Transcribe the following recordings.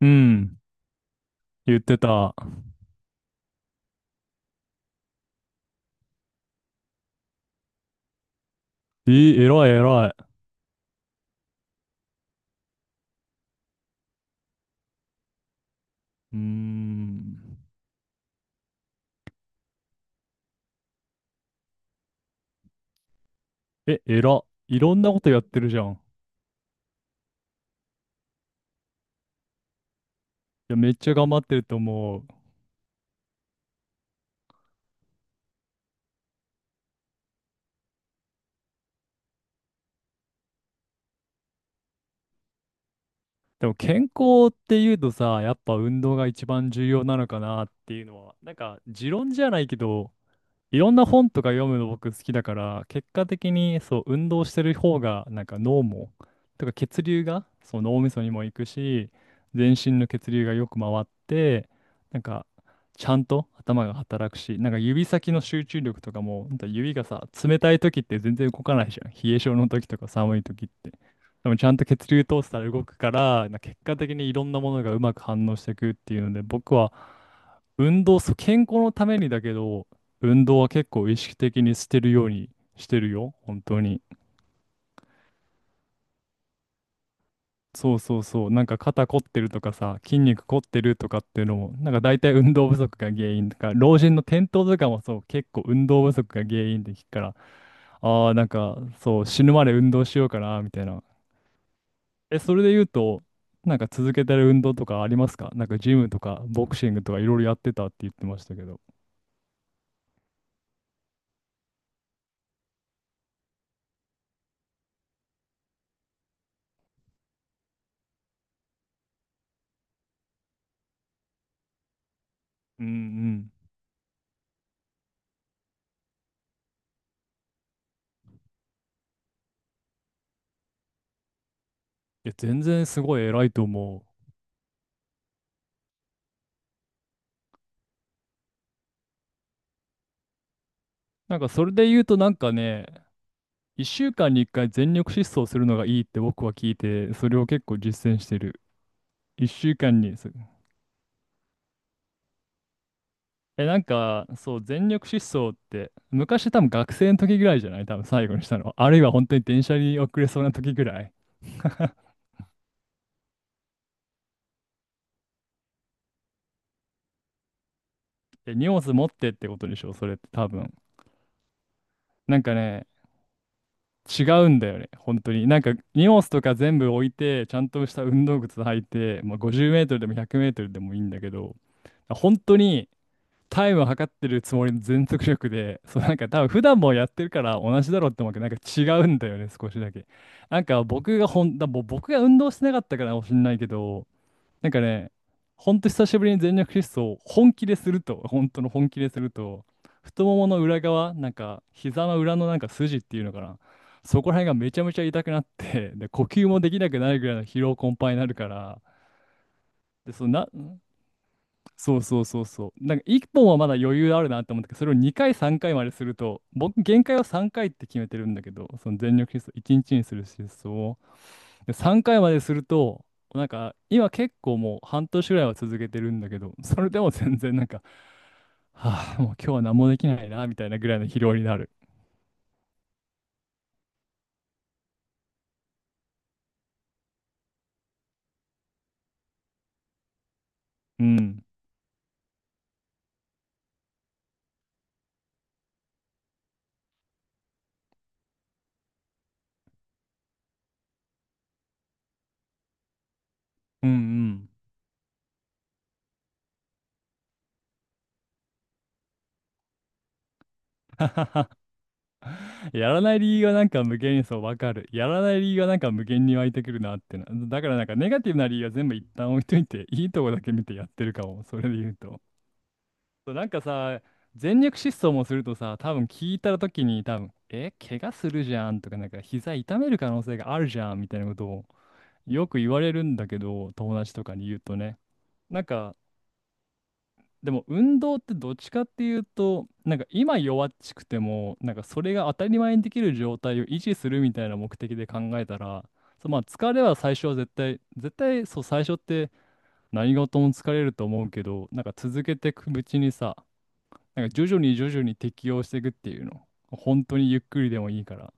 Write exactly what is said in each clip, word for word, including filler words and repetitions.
うん、言ってた。えー、偉い偉い。うーん。え、偉。いろんなことやってるじゃん。いや、めっちゃ頑張ってると思う。でも健康っていうとさ、やっぱ運動が一番重要なのかなっていうのは、なんか持論じゃないけど、いろんな本とか読むの僕好きだから、結果的にそう、運動してる方が、なんか脳も、とか血流が、そう、脳みそにも行くし、全身の血流がよく回って、なんか、ちゃんと頭が働くし、なんか指先の集中力とかも、ほんと指がさ、冷たい時って全然動かないじゃん。冷え性の時とか寒い時って。でもちゃんと血流通したら動くから、な結果的にいろんなものがうまく反応していくっていうので、僕は運動、そう、健康のためにだけど、運動は結構意識的にしてるようにしてるよ、本当に。そうそうそう、なんか肩凝ってるとかさ、筋肉凝ってるとかっていうのも、なんか大体運動不足が原因とか、老人の転倒とかもそう、結構運動不足が原因って聞くから、ああ、なんかそう、死ぬまで運動しようかな、みたいな。え、それで言うと、なんか続けてる運動とかありますか？なんかジムとかボクシングとかいろいろやってたって言ってましたけど。うんうん。いや、全然すごい偉いと思う。なんかそれで言うとなんかね、いっしゅうかんにいっかい全力疾走するのがいいって僕は聞いて、それを結構実践してる。一週間に、そう。え、なんか、そう、全力疾走って、昔多分学生の時ぐらいじゃない？多分最後にしたの、あるいは本当に電車に遅れそうな時ぐらい。え、荷物持ってってことでしょ、それって多分。なんかね、違うんだよね。本当に。なんか、荷物とか全部置いて、ちゃんとした運動靴履いて、まあ、ごじゅうメートルでもひゃくメートルでもいいんだけど、本当に、タイムを測ってるつもりの全速力で、そう。なんか多分普段もやってるから同じだろうって思うけど、なんか違うんだよね、少しだけ。なんか僕がほん、だもう僕が運動してなかったからかもしんないけど、なんかね、ほんと久しぶりに全力疾走を本気ですると、本当の本気ですると、太ももの裏側、なんか膝の裏のなんか筋っていうのかな、そこら辺がめちゃめちゃ痛くなって、で、呼吸もできなくなるぐらいの疲労困憊になるから、で、そのな、そうそうそうそう。なんかいっぽんはまだ余裕あるなって思ったけど、それをにかいさんかいまですると、僕限界はさんかいって決めてるんだけど、その全力疾走、いちにちにちにする疾走を。で、さんかいまですると、なんか今結構もうはんとしぐらいは続けてるんだけど、それでも全然なんか、はあ、もう今日は何もできないな、みたいなぐらいの疲労になる。うん。うんうん。やらない理由がなんか無限に、そうわかる。やらない理由がなんか無限に湧いてくるなってな。だからなんかネガティブな理由は全部一旦置いといて、いいとこだけ見てやってるかも。それで言うと。そうなんかさ、全力疾走もするとさ、多分聞いた時に多分、え、怪我するじゃんとか、なんか膝痛める可能性があるじゃんみたいなことをよく言われるんだけど、友達とかに言うとね。なんか、でも運動ってどっちかっていうと、なんか今弱っちくても、なんかそれが当たり前にできる状態を維持するみたいな目的で考えたら、そう、まあ疲れは最初は絶対、絶対、そう最初って何事も疲れると思うけど、なんか続けていくうちにさ、なんか徐々に徐々に適応していくっていうの。本当にゆっくりでもいいから。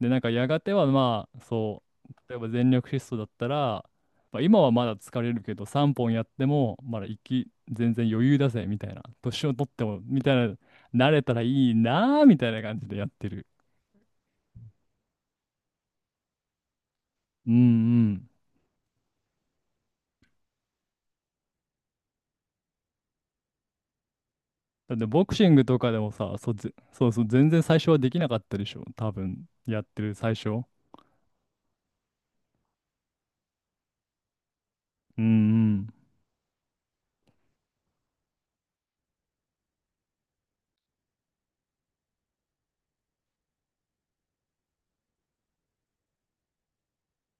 で、なんかやがてはまあ、そう、例えば全力疾走だったら、まあ、今はまだ疲れるけど、さんぼんやっても、まだ息、全然余裕だぜ、みたいな。年を取っても、みたいな、慣れたらいいなーみたいな感じでやってる。うんうん。だってボクシングとかでもさ、そう、ぜそうそう、全然最初はできなかったでしょ、多分、やってる最初。うんうん。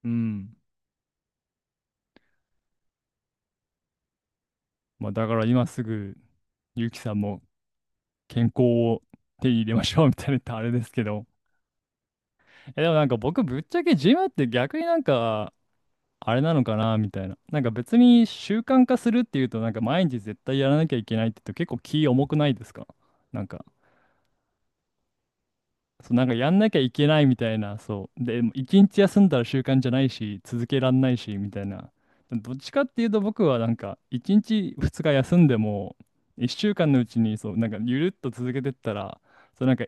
うん。まあ、だから今すぐ、ゆうきさんも健康を手に入れましょう、みたいな、言ったらあれですけど。え、でもなんか僕ぶっちゃけジムって逆になんかあれなのかなみたいな。なんか別に習慣化するっていうとなんか毎日絶対やらなきゃいけないって言うと結構気重くないですか？なんか、そう、なんかやんなきゃいけないみたいな、そう。で、一日休んだら習慣じゃないし、続けらんないし、みたいな。どっちかっていうと僕はなんかいちにちふつか休んでも一週間のうちにそう、なんかゆるっと続けてったら、そう。なんか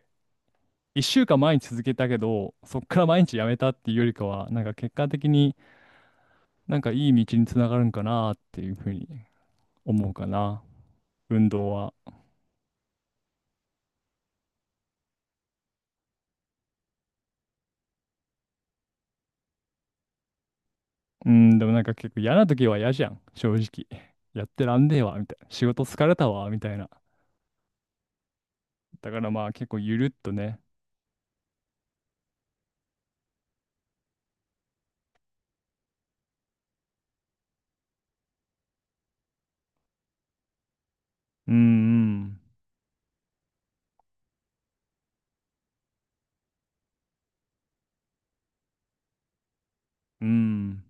一週間毎日続けたけど、そっから毎日やめたっていうよりかは、なんか結果的になんかいい道につながるんかなっていうふうに思うかな。運動は。うん、でもなんか結構嫌な時は嫌じゃん、正直。やってらんねえわ、みたいな。仕事疲れたわ、みたいな。だからまあ結構ゆるっとね。うんうん。うん。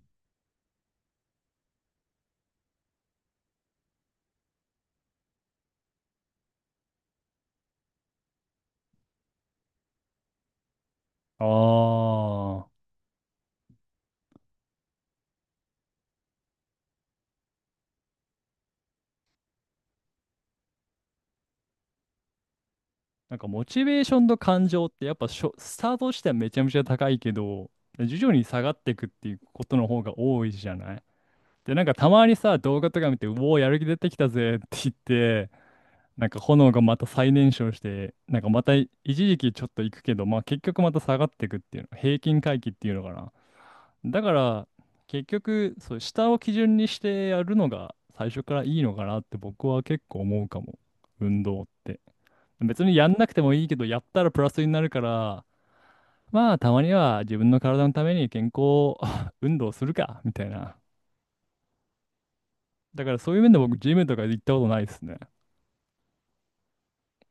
ああ。なんかモチベーションと感情ってやっぱしょスタートしてはめちゃめちゃ高いけど、徐々に下がっていくっていうことの方が多いじゃない。で、なんかたまにさ、動画とか見て、うおー、やる気出てきたぜって言って、なんか炎がまた再燃焼して、なんかまた一時期ちょっと行くけど、まあ結局また下がっていくっていうの、平均回帰っていうのかな。だから結局、そう、下を基準にしてやるのが最初からいいのかなって僕は結構思うかも、運動って。別にやんなくてもいいけど、やったらプラスになるから、まあたまには自分の体のために健康、 運動するか、みたいな。だからそういう面で僕、ジムとか行ったことないですね。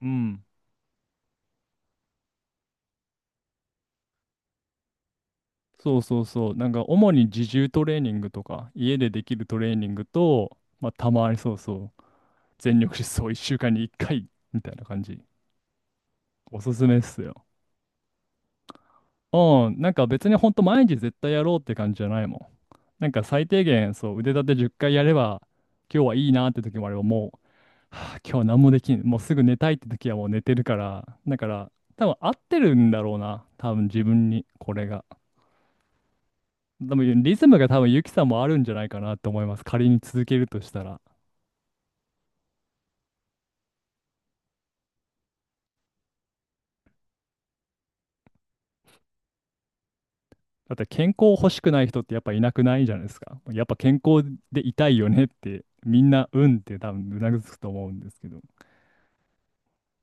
うん。そうそうそう。なんか主に自重トレーニングとか、家でできるトレーニングと、まあたまにそうそう、全力疾走いっしゅうかんにいっかいみたいな感じ。おすすめっすよ。うん、なんか別にほんと毎日絶対やろうって感じじゃないもん。なんか最低限そう腕立てじっかいやれば今日はいいなって時もあれば、もう、はあ、今日は何もできん、もうすぐ寝たいって時はもう寝てるから、だから多分合ってるんだろうな、多分自分にこれが。でもリズムが多分ユキさんもあるんじゃないかなと思います。仮に続けるとしたら。だって健康欲しくない人ってやっぱいなくないじゃないですか。やっぱ健康でいたいよねってみんなうんって多分うなずくと思うんですけど。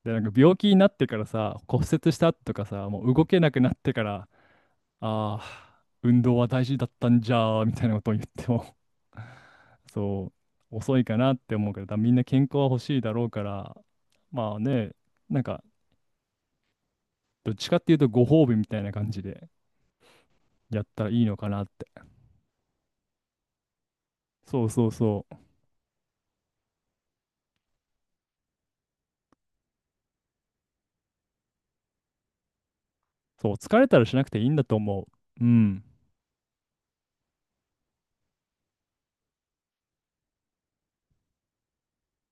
で、なんか病気になってからさ、骨折した後とかさ、もう動けなくなってから、ああ、運動は大事だったんじゃーみたいなことを言っても、そう、遅いかなって思うから、だからみんな健康は欲しいだろうから、まあね、なんかどっちかっていうとご褒美みたいな感じで。やったらいいのかなって。そうそうそう。そう、疲れたらしなくていいんだと思う。うん。